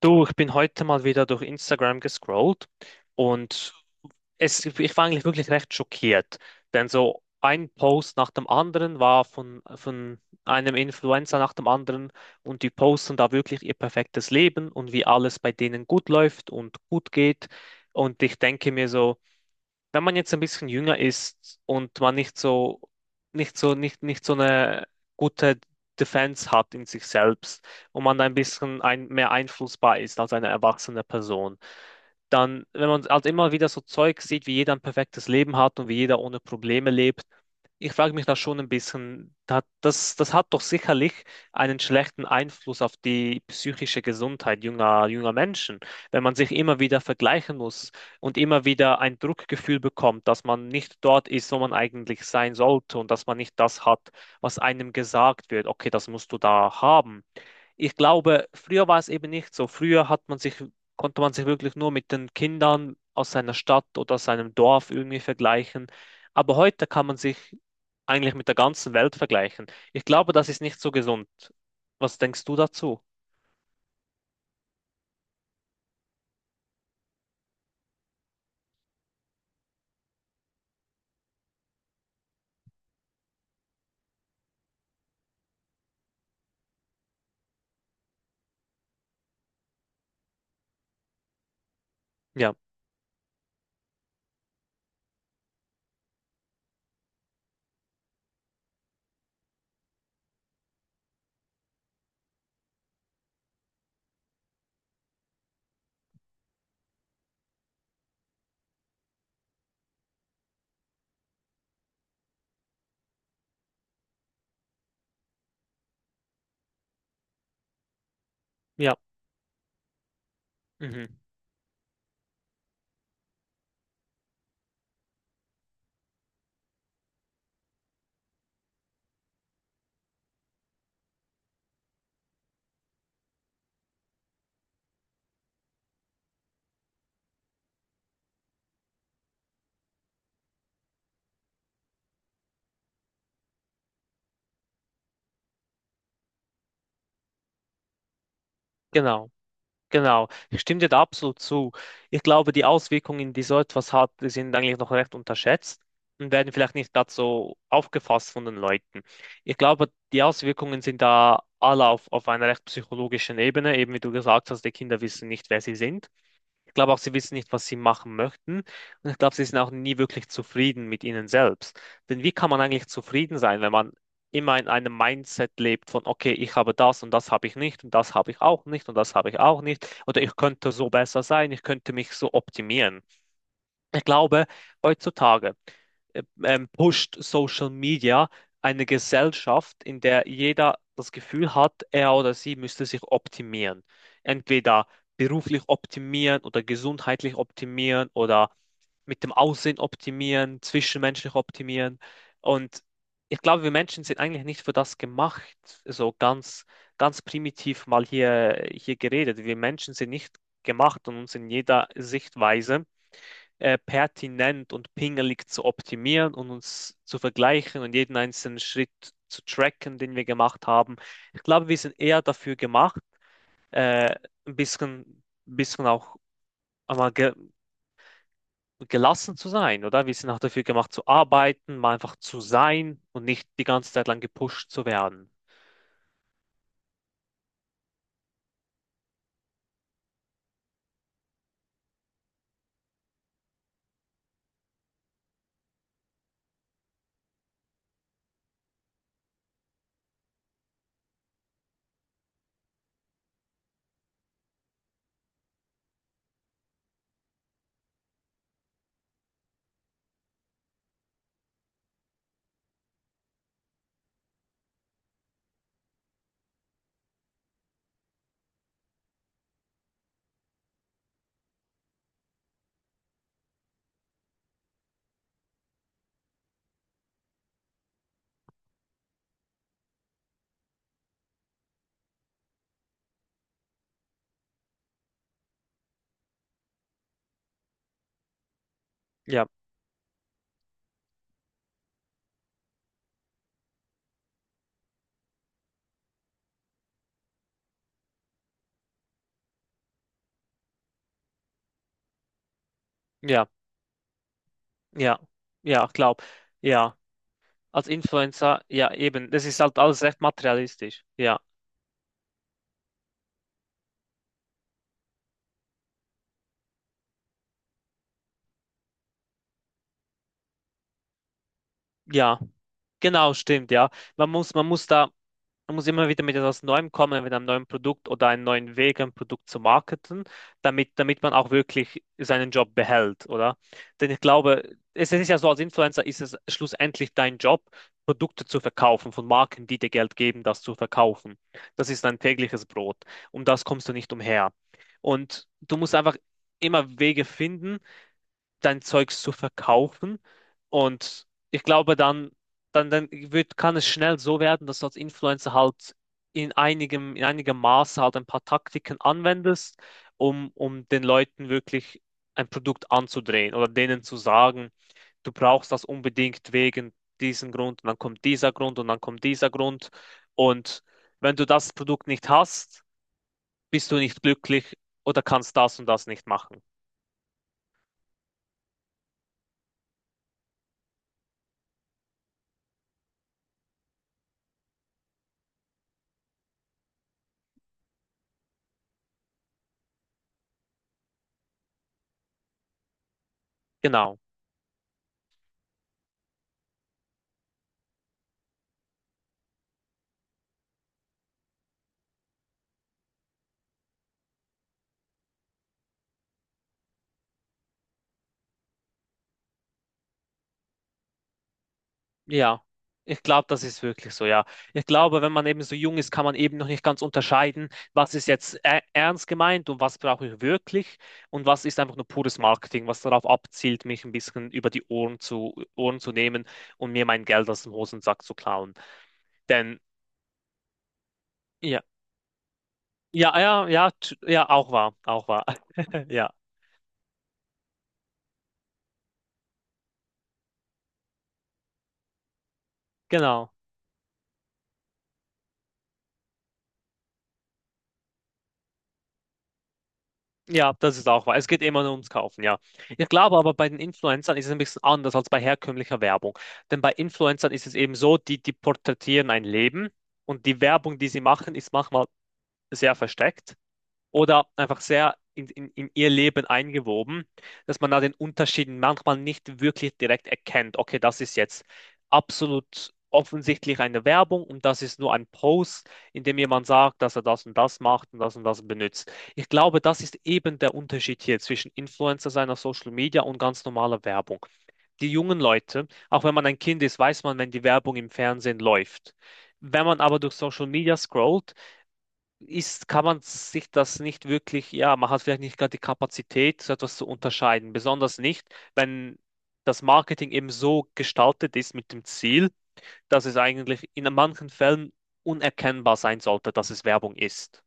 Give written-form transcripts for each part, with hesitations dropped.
Du, ich bin heute mal wieder durch Instagram gescrollt und ich war eigentlich wirklich recht schockiert, denn so ein Post nach dem anderen war von einem Influencer nach dem anderen und die posten da wirklich ihr perfektes Leben und wie alles bei denen gut läuft und gut geht. Und ich denke mir so, wenn man jetzt ein bisschen jünger ist und man nicht so eine gute Defense hat in sich selbst und man mehr einflussbar ist als eine erwachsene Person, dann, wenn man halt immer wieder so Zeug sieht, wie jeder ein perfektes Leben hat und wie jeder ohne Probleme lebt, ich frage mich da schon ein bisschen, das hat doch sicherlich einen schlechten Einfluss auf die psychische Gesundheit junger, junger Menschen, wenn man sich immer wieder vergleichen muss und immer wieder ein Druckgefühl bekommt, dass man nicht dort ist, wo man eigentlich sein sollte und dass man nicht das hat, was einem gesagt wird. Okay, das musst du da haben. Ich glaube, früher war es eben nicht so. Früher hat man sich, Konnte man sich wirklich nur mit den Kindern aus seiner Stadt oder aus seinem Dorf irgendwie vergleichen. Aber heute kann man sich eigentlich mit der ganzen Welt vergleichen. Ich glaube, das ist nicht so gesund. Was denkst du dazu? Ja, ja, mhm, genau. Genau, ich stimme dir da absolut zu. Ich glaube, die Auswirkungen, die so etwas hat, die sind eigentlich noch recht unterschätzt und werden vielleicht nicht gerade so aufgefasst von den Leuten. Ich glaube, die Auswirkungen sind da auf einer recht psychologischen Ebene, eben wie du gesagt hast, die Kinder wissen nicht, wer sie sind. Ich glaube auch, sie wissen nicht, was sie machen möchten. Und ich glaube, sie sind auch nie wirklich zufrieden mit ihnen selbst. Denn wie kann man eigentlich zufrieden sein, wenn man immer in einem Mindset lebt von, okay, ich habe das und das habe ich nicht und das habe ich auch nicht und das habe ich auch nicht, oder ich könnte so besser sein, ich könnte mich so optimieren. Ich glaube, heutzutage pusht Social Media eine Gesellschaft, in der jeder das Gefühl hat, er oder sie müsste sich optimieren. Entweder beruflich optimieren oder gesundheitlich optimieren oder mit dem Aussehen optimieren, zwischenmenschlich optimieren. Und ich glaube, wir Menschen sind eigentlich nicht für das gemacht, so ganz, ganz primitiv mal hier geredet. Wir Menschen sind nicht gemacht und uns in jeder Sichtweise pertinent und pingelig zu optimieren und uns zu vergleichen und jeden einzelnen Schritt zu tracken, den wir gemacht haben. Ich glaube, wir sind eher dafür gemacht, äh, ein bisschen auch einmal ge gelassen zu sein, oder? Wir sind auch dafür gemacht zu arbeiten, mal einfach zu sein und nicht die ganze Zeit lang gepusht zu werden. Ja, ja, ja, ja, ich glaube, ja. Als Influencer, ja, eben, das ist halt alles recht materialistisch. Ja, ja, genau, stimmt, ja. Man muss, man muss da, Man muss immer wieder mit etwas Neuem kommen, mit einem neuen Produkt oder einem neuen Weg, ein Produkt zu marketen, damit man auch wirklich seinen Job behält, oder? Denn ich glaube, es ist ja so, als Influencer ist es schlussendlich dein Job, Produkte zu verkaufen von Marken, die dir Geld geben, das zu verkaufen. Das ist dein tägliches Brot. Um das kommst du nicht umher. Und du musst einfach immer Wege finden, dein Zeugs zu verkaufen. Und ich glaube, kann es schnell so werden, dass du als Influencer halt in einigem Maße halt ein paar Taktiken anwendest, um den Leuten wirklich ein Produkt anzudrehen oder denen zu sagen, du brauchst das unbedingt wegen diesem Grund und dann kommt dieser Grund und dann kommt dieser Grund. Und wenn du das Produkt nicht hast, bist du nicht glücklich oder kannst das und das nicht machen. Genau. Ja, ich glaube, das ist wirklich so, ja. Ich glaube, wenn man eben so jung ist, kann man eben noch nicht ganz unterscheiden, was ist jetzt ernst gemeint und was brauche ich wirklich und was ist einfach nur pures Marketing, was darauf abzielt, mich ein bisschen über die Ohren zu nehmen und mir mein Geld aus dem Hosensack zu klauen. Denn, ja, ja, ja, ja, ja, auch wahr, auch wahr. Ja, genau. Ja, das ist auch wahr. Es geht immer nur ums Kaufen, ja. Ich glaube aber, bei den Influencern ist es ein bisschen anders als bei herkömmlicher Werbung. Denn bei Influencern ist es eben so, die porträtieren ein Leben und die Werbung, die sie machen, ist manchmal sehr versteckt oder einfach sehr in ihr Leben eingewoben, dass man da den Unterschied manchmal nicht wirklich direkt erkennt. Okay, das ist jetzt absolut offensichtlich eine Werbung und das ist nur ein Post, in dem jemand sagt, dass er das und das macht und das benutzt. Ich glaube, das ist eben der Unterschied hier zwischen Influencer sein auf Social Media und ganz normaler Werbung. Die jungen Leute, auch wenn man ein Kind ist, weiß man, wenn die Werbung im Fernsehen läuft. Wenn man aber durch Social Media scrollt, kann man sich das nicht wirklich, ja, man hat vielleicht nicht gerade die Kapazität, so etwas zu unterscheiden. Besonders nicht, wenn das Marketing eben so gestaltet ist mit dem Ziel, dass es eigentlich in manchen Fällen unerkennbar sein sollte, dass es Werbung ist.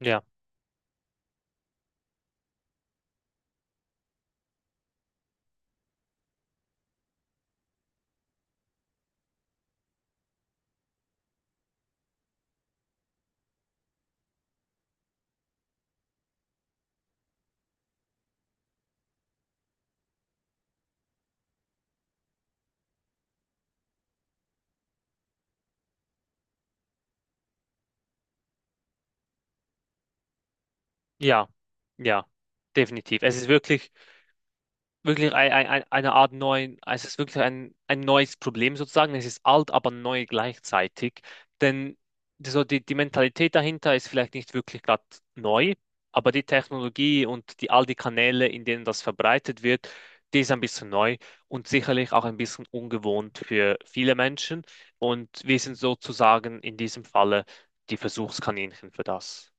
Ja, ja, ja, definitiv. Es ist wirklich. Wirklich es ist wirklich ein neues Problem sozusagen. Es ist alt, aber neu gleichzeitig. Denn die Mentalität dahinter ist vielleicht nicht wirklich gerade neu, aber die Technologie und die, all die Kanäle, in denen das verbreitet wird, die ist ein bisschen neu und sicherlich auch ein bisschen ungewohnt für viele Menschen. Und wir sind sozusagen in diesem Falle die Versuchskaninchen für das.